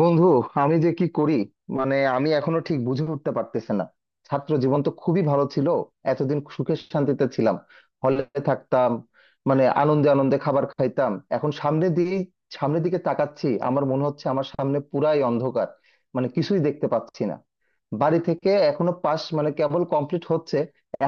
বন্ধু, আমি যে কি করি, মানে আমি এখনো ঠিক বুঝে উঠতে পারতেছে না। ছাত্র জীবন তো খুবই ভালো ছিল, এতদিন সুখে শান্তিতে ছিলাম, হলে থাকতাম, মানে আনন্দে আনন্দে খাবার খাইতাম। এখন সামনে দিয়ে সামনের দিকে তাকাচ্ছি, আমার মনে হচ্ছে আমার সামনে পুরাই অন্ধকার, মানে কিছুই দেখতে পাচ্ছি না। বাড়ি থেকে এখনো পাস মানে কেবল কমপ্লিট হচ্ছে,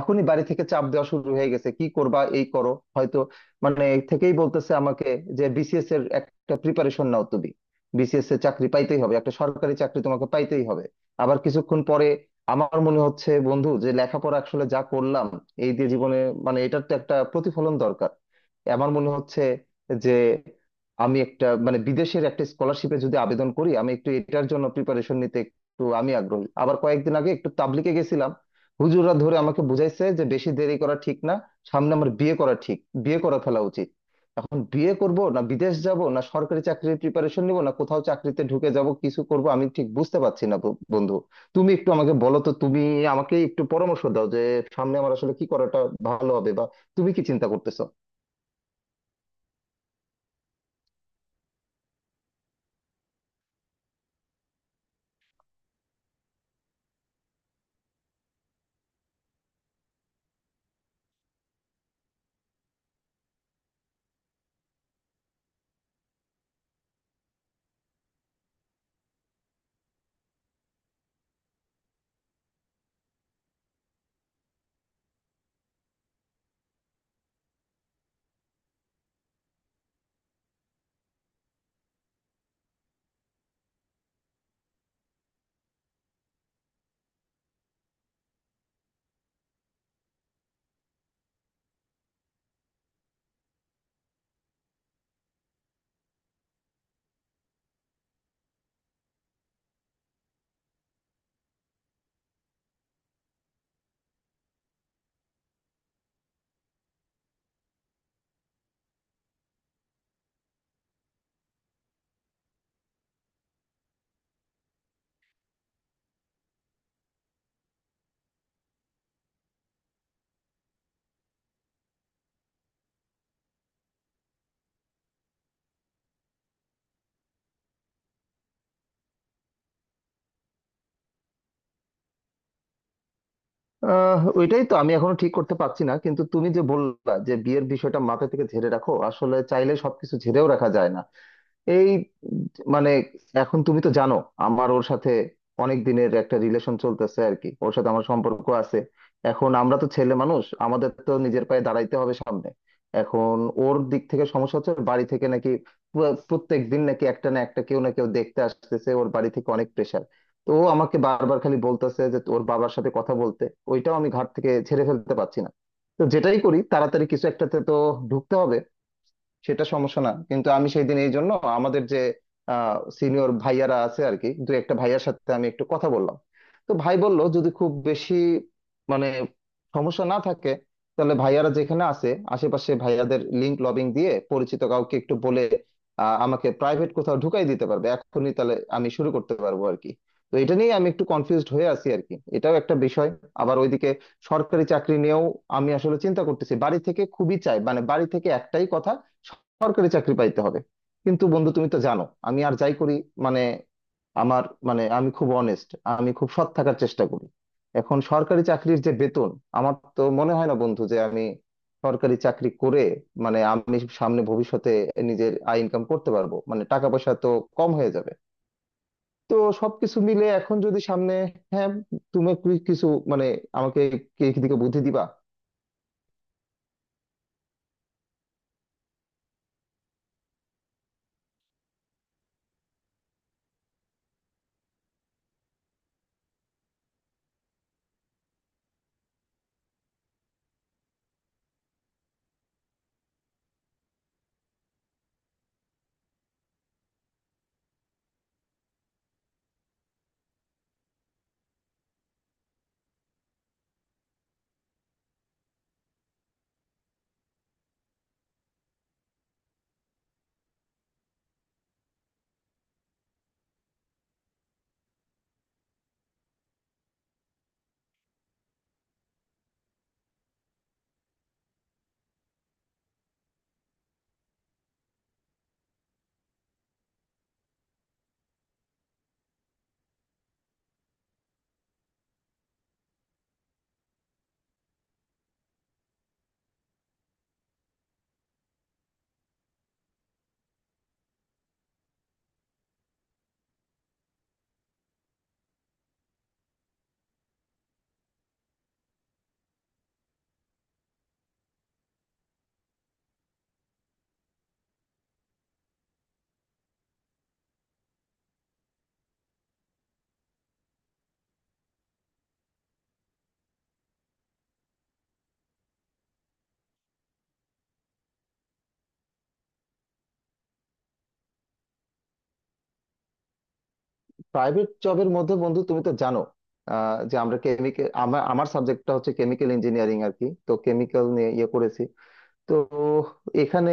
এখনই বাড়ি থেকে চাপ দেওয়া শুরু হয়ে গেছে, কি করবা, এই করো হয়তো, মানে থেকেই বলতেছে আমাকে যে বিসিএস এর একটা প্রিপারেশন নাও তুমি, বিসিএস এর চাকরি পাইতেই হবে, একটা সরকারি চাকরি তোমাকে পাইতেই হবে। আবার কিছুক্ষণ পরে আমার মনে হচ্ছে, বন্ধু, যে লেখাপড়া আসলে যা করলাম এই দিয়ে জীবনে, মানে এটার তো একটা প্রতিফলন দরকার। আমার মনে হচ্ছে যে আমি একটা মানে বিদেশের একটা স্কলারশিপে যদি আবেদন করি, আমি একটু এটার জন্য প্রিপারেশন নিতে একটু আমি আগ্রহী। আবার কয়েকদিন আগে একটু তাবলিগে গেছিলাম, হুজুররা ধরে আমাকে বুঝাইছে যে বেশি দেরি করা ঠিক না, সামনে আমার বিয়ে করা ঠিক, বিয়ে করা ফেলা উচিত। এখন বিয়ে করব, না বিদেশ যাব, না সরকারি চাকরির প্রিপারেশন নিব, না কোথাও চাকরিতে ঢুকে যাব, কিছু করব আমি ঠিক বুঝতে পারছি না বন্ধু। তুমি একটু আমাকে বলো তো, তুমি আমাকে একটু পরামর্শ দাও যে সামনে আমার আসলে কি করাটা ভালো হবে, বা তুমি কি চিন্তা করতেছো? আহ, ওইটাই তো আমি এখনো ঠিক করতে পারছি না, কিন্তু তুমি যে বললা যে বিয়ের বিষয়টা মাথা থেকে ঝেড়ে রাখো, আসলে চাইলে সবকিছু ঝেড়েও রাখা যায় না। এই মানে এখন তুমি তো জানো আমার ওর সাথে অনেক দিনের একটা রিলেশন চলতেছে আর কি, ওর সাথে আমার সম্পর্ক আছে। এখন আমরা তো ছেলে মানুষ, আমাদের তো নিজের পায়ে দাঁড়াইতে হবে সামনে। এখন ওর দিক থেকে সমস্যা হচ্ছে ওর বাড়ি থেকে নাকি প্রত্যেক দিন নাকি একটা না একটা, কেউ না কেউ দেখতে আসতেছে, ওর বাড়ি থেকে অনেক প্রেশার। তো ও আমাকে বারবার খালি বলতেছে যে ওর বাবার সাথে কথা বলতে, ওইটাও আমি ঘাট থেকে ছেড়ে ফেলতে পারছি না। তো যেটাই করি তাড়াতাড়ি কিছু একটাতে তো ঢুকতে হবে, সেটা সমস্যা না। কিন্তু আমি সেই দিন এই জন্য আমাদের যে সিনিয়র ভাইয়ারা আছে আর কি, দু একটা ভাইয়ার সাথে আমি একটু কথা বললাম। তো ভাই বলল যদি খুব বেশি মানে সমস্যা না থাকে তাহলে ভাইয়ারা যেখানে আছে আশেপাশে ভাইয়াদের লিংক লবিং দিয়ে পরিচিত কাউকে একটু বলে আমাকে প্রাইভেট কোথাও ঢুকাই দিতে পারবে, এখনই তাহলে আমি শুরু করতে পারবো আর কি। তো এটা নিয়ে আমি একটু কনফিউজড হয়ে আছি আর কি, এটাও একটা বিষয়। আবার ওইদিকে সরকারি চাকরি নিয়েও আমি আসলে চিন্তা করতেছি, বাড়ি থেকে খুবই চাই, মানে বাড়ি থেকে একটাই কথা, সরকারি চাকরি পাইতে হবে। কিন্তু বন্ধু, তুমি তো জানো আমি আর যাই করি, মানে আমার মানে আমি খুব অনেস্ট, আমি খুব সৎ থাকার চেষ্টা করি। এখন সরকারি চাকরির যে বেতন, আমার তো মনে হয় না বন্ধু যে আমি সরকারি চাকরি করে মানে আমি সামনে ভবিষ্যতে নিজের আয় ইনকাম করতে পারবো, মানে টাকা পয়সা তো কম হয়ে যাবে। তো সবকিছু মিলে এখন যদি সামনে, হ্যাঁ, তুমি কিছু মানে আমাকে কি দিকে বুদ্ধি দিবা? প্রাইভেট জবের মধ্যে, বন্ধু, তুমি তো জানো, আহ, যে আমরা কেমিক্যাল, আমার আমার সাবজেক্টটা হচ্ছে কেমিক্যাল ইঞ্জিনিয়ারিং আর কি, তো কেমিক্যাল নিয়ে ইয়ে করেছি। তো এখানে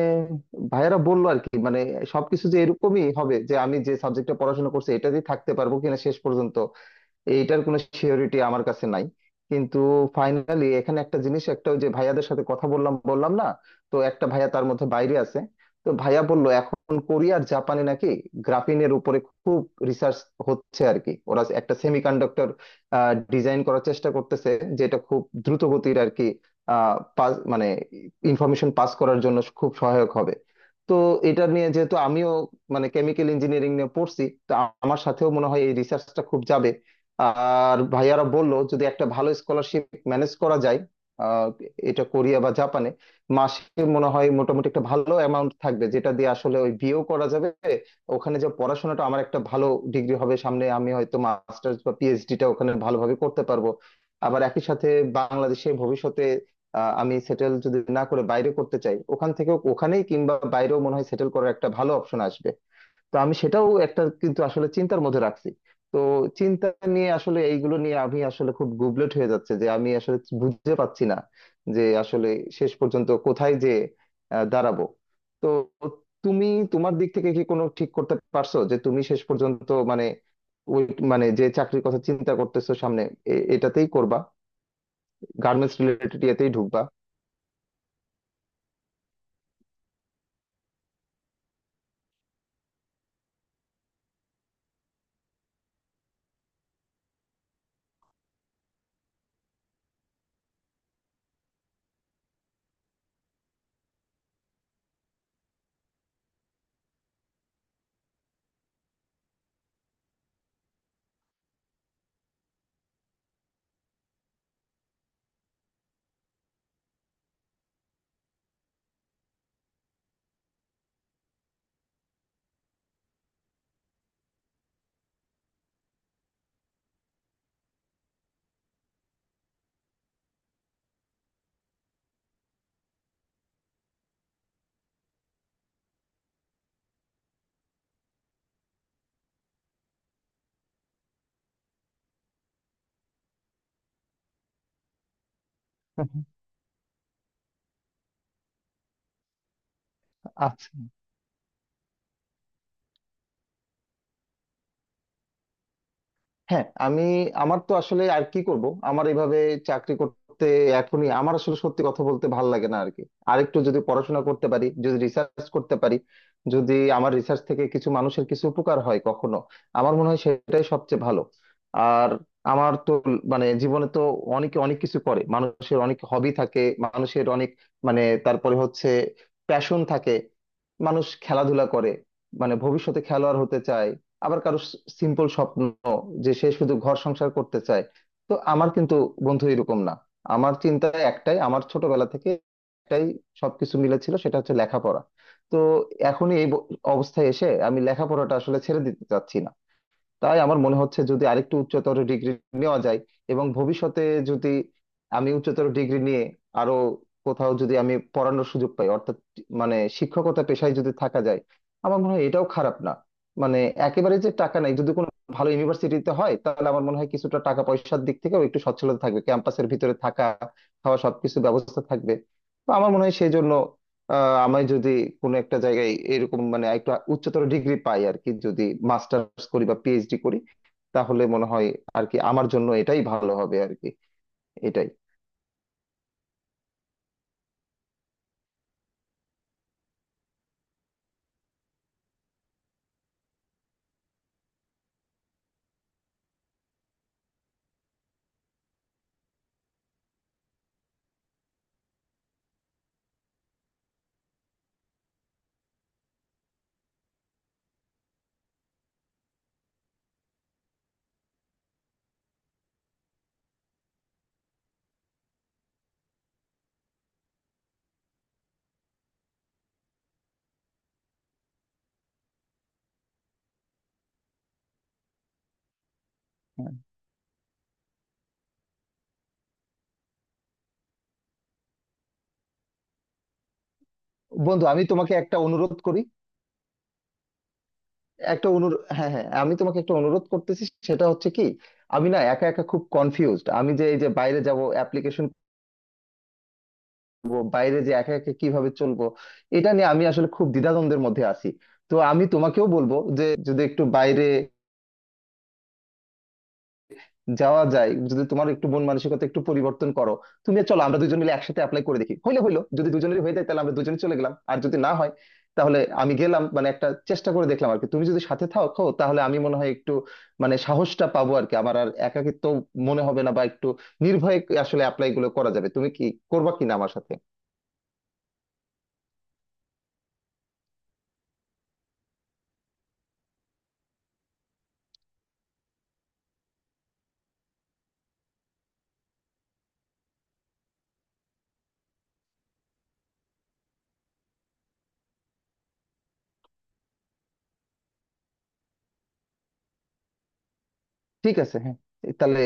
ভাইয়েরা বললো আর কি, মানে সবকিছু যে এরকমই হবে যে আমি যে সাবজেক্টটা পড়াশোনা করছি এটাতেই থাকতে পারবো কিনা শেষ পর্যন্ত, এইটার কোনো সিওরিটি আমার কাছে নাই। কিন্তু ফাইনালি এখানে একটা জিনিস, একটা ওই যে ভাইয়াদের সাথে কথা বললাম, বললাম না, তো একটা ভাইয়া তার মধ্যে বাইরে আছে। তো ভাইয়া বলল এখন কোরিয়া আর জাপানে নাকি গ্রাফিনের উপরে খুব রিসার্চ হচ্ছে আর কি, ওরা একটা সেমিকন্ডাক্টর ডিজাইন করার চেষ্টা করতেছে যেটা খুব দ্রুত গতির আর কি। মানে ইনফরমেশন পাস করার জন্য খুব সহায়ক হবে। তো এটা নিয়ে যেহেতু আমিও মানে কেমিক্যাল ইঞ্জিনিয়ারিং নিয়ে পড়ছি, তো আমার সাথেও মনে হয় এই রিসার্চটা খুব যাবে। আর ভাইয়ারা বললো যদি একটা ভালো স্কলারশিপ ম্যানেজ করা যায়, আহ, এটা কোরিয়া বা জাপানে, মাসে মনে হয় মোটামুটি একটা ভালো অ্যামাউন্ট থাকবে যেটা দিয়ে আসলে ওই বিয়েও করা যাবে। ওখানে যে পড়াশোনাটা, আমার একটা ভালো ডিগ্রি হবে সামনে, আমি হয়তো মাস্টার্স বা পিএইচডিটা ওখানে ভালোভাবে করতে পারবো। আবার একই সাথে বাংলাদেশে ভবিষ্যতে, আহ, আমি সেটেল যদি না করে বাইরে করতে চাই, ওখান থেকেও ওখানেই কিংবা বাইরেও মনে হয় সেটেল করার একটা ভালো অপশন আসবে। তো আমি সেটাও একটা কিন্তু আসলে চিন্তার মধ্যে রাখছি। তো চিন্তা নিয়ে আসলে এইগুলো নিয়ে আমি আসলে খুব গুবলেট হয়ে যাচ্ছে, যে আমি আসলে বুঝতে পারছি না যে আসলে শেষ পর্যন্ত কোথায় যে আহ, দাঁড়াবো। তো তুমি, তোমার দিক থেকে কি কোনো ঠিক করতে পারছো যে তুমি শেষ পর্যন্ত মানে ওই মানে যে চাকরির কথা চিন্তা করতেছো সামনে, এটাতেই করবা, গার্মেন্টস রিলেটেড ইয়েতেই ঢুকবা? আচ্ছা, হ্যাঁ, আমি, আমার তো আসলে আর কি করব, আমার এইভাবে চাকরি করতে এখনই আমার আসলে সত্যি কথা বলতে ভাল লাগে না আর কি। আরেকটু যদি পড়াশোনা করতে পারি, যদি রিসার্চ করতে পারি, যদি আমার রিসার্চ থেকে কিছু মানুষের কিছু উপকার হয় কখনো, আমার মনে হয় সেটাই সবচেয়ে ভালো। আর আমার তো মানে জীবনে তো, অনেকে অনেক কিছু করে, মানুষের অনেক হবি থাকে, মানুষের অনেক, মানে তারপরে হচ্ছে প্যাশন থাকে, মানুষ খেলাধুলা করে মানে ভবিষ্যতে খেলোয়াড় হতে চায়, আবার কারো সিম্পল স্বপ্ন যে সে শুধু ঘর সংসার করতে চায়। তো আমার কিন্তু, বন্ধু, এরকম না, আমার চিন্তা একটাই, আমার ছোটবেলা থেকে একটাই সবকিছু মিলে ছিল, সেটা হচ্ছে লেখাপড়া। তো এখনই এই অবস্থায় এসে আমি লেখাপড়াটা আসলে ছেড়ে দিতে চাচ্ছি না। তাই আমার মনে হচ্ছে যদি আরেকটু উচ্চতর ডিগ্রি নেওয়া যায় এবং ভবিষ্যতে যদি আমি উচ্চতর ডিগ্রি নিয়ে আরো কোথাও যদি আমি পড়ানোর সুযোগ পাই, অর্থাৎ মানে শিক্ষকতা পেশায় যদি থাকা যায়, আমার মনে হয় এটাও খারাপ না। মানে একেবারে যে টাকা নাই, যদি কোনো ভালো ইউনিভার্সিটিতে হয় তাহলে আমার মনে হয় কিছুটা টাকা পয়সার দিক থেকেও একটু সচ্ছলতা থাকবে, ক্যাম্পাসের ভিতরে থাকা খাওয়া সবকিছু ব্যবস্থা থাকবে। তো আমার মনে হয় সেই জন্য, আহ, আমি যদি কোনো একটা জায়গায় এরকম মানে একটা উচ্চতর ডিগ্রি পাই আর কি, যদি মাস্টার্স করি বা পিএইচডি করি, তাহলে মনে হয় আর কি আমার জন্য এটাই ভালো হবে আর কি, এটাই। বন্ধু, আমি তোমাকে একটা অনুরোধ করি, একটা অনুরোধ, হ্যাঁ হ্যাঁ, আমি তোমাকে একটা অনুরোধ করতেছি, সেটা হচ্ছে কি, আমি না একা একা খুব কনফিউজড, আমি যে এই যে বাইরে যাব, অ্যাপ্লিকেশন করব, বাইরে যে একা একা কিভাবে চলবো, এটা নিয়ে আমি আসলে খুব দ্বিধাদ্বন্দ্বের মধ্যে আছি। তো আমি তোমাকেও বলবো যে যদি একটু বাইরে যাওয়া যায়, যদি তোমার একটু মন মানসিকতা একটু পরিবর্তন করো, তুমি আর চলো আমরা দুজন মিলে একসাথে অ্যাপ্লাই করে দেখি, হইলে হইলো, যদি দুজনেরই হয়ে যায় তাহলে আমরা দুজনে চলে গেলাম, আর যদি না হয় তাহলে আমি গেলাম, মানে একটা চেষ্টা করে দেখলাম আর কি। তুমি যদি সাথে থাকো তাহলে আমি মনে হয় একটু মানে সাহসটা পাবো আর কি, আমার আর একাকিত্ব মনে হবে না, বা একটু নির্ভয়ে আসলে অ্যাপ্লাই গুলো করা যাবে। তুমি কি করবা কিনা আমার সাথে? ঠিক আছে, হ্যাঁ, তাহলে।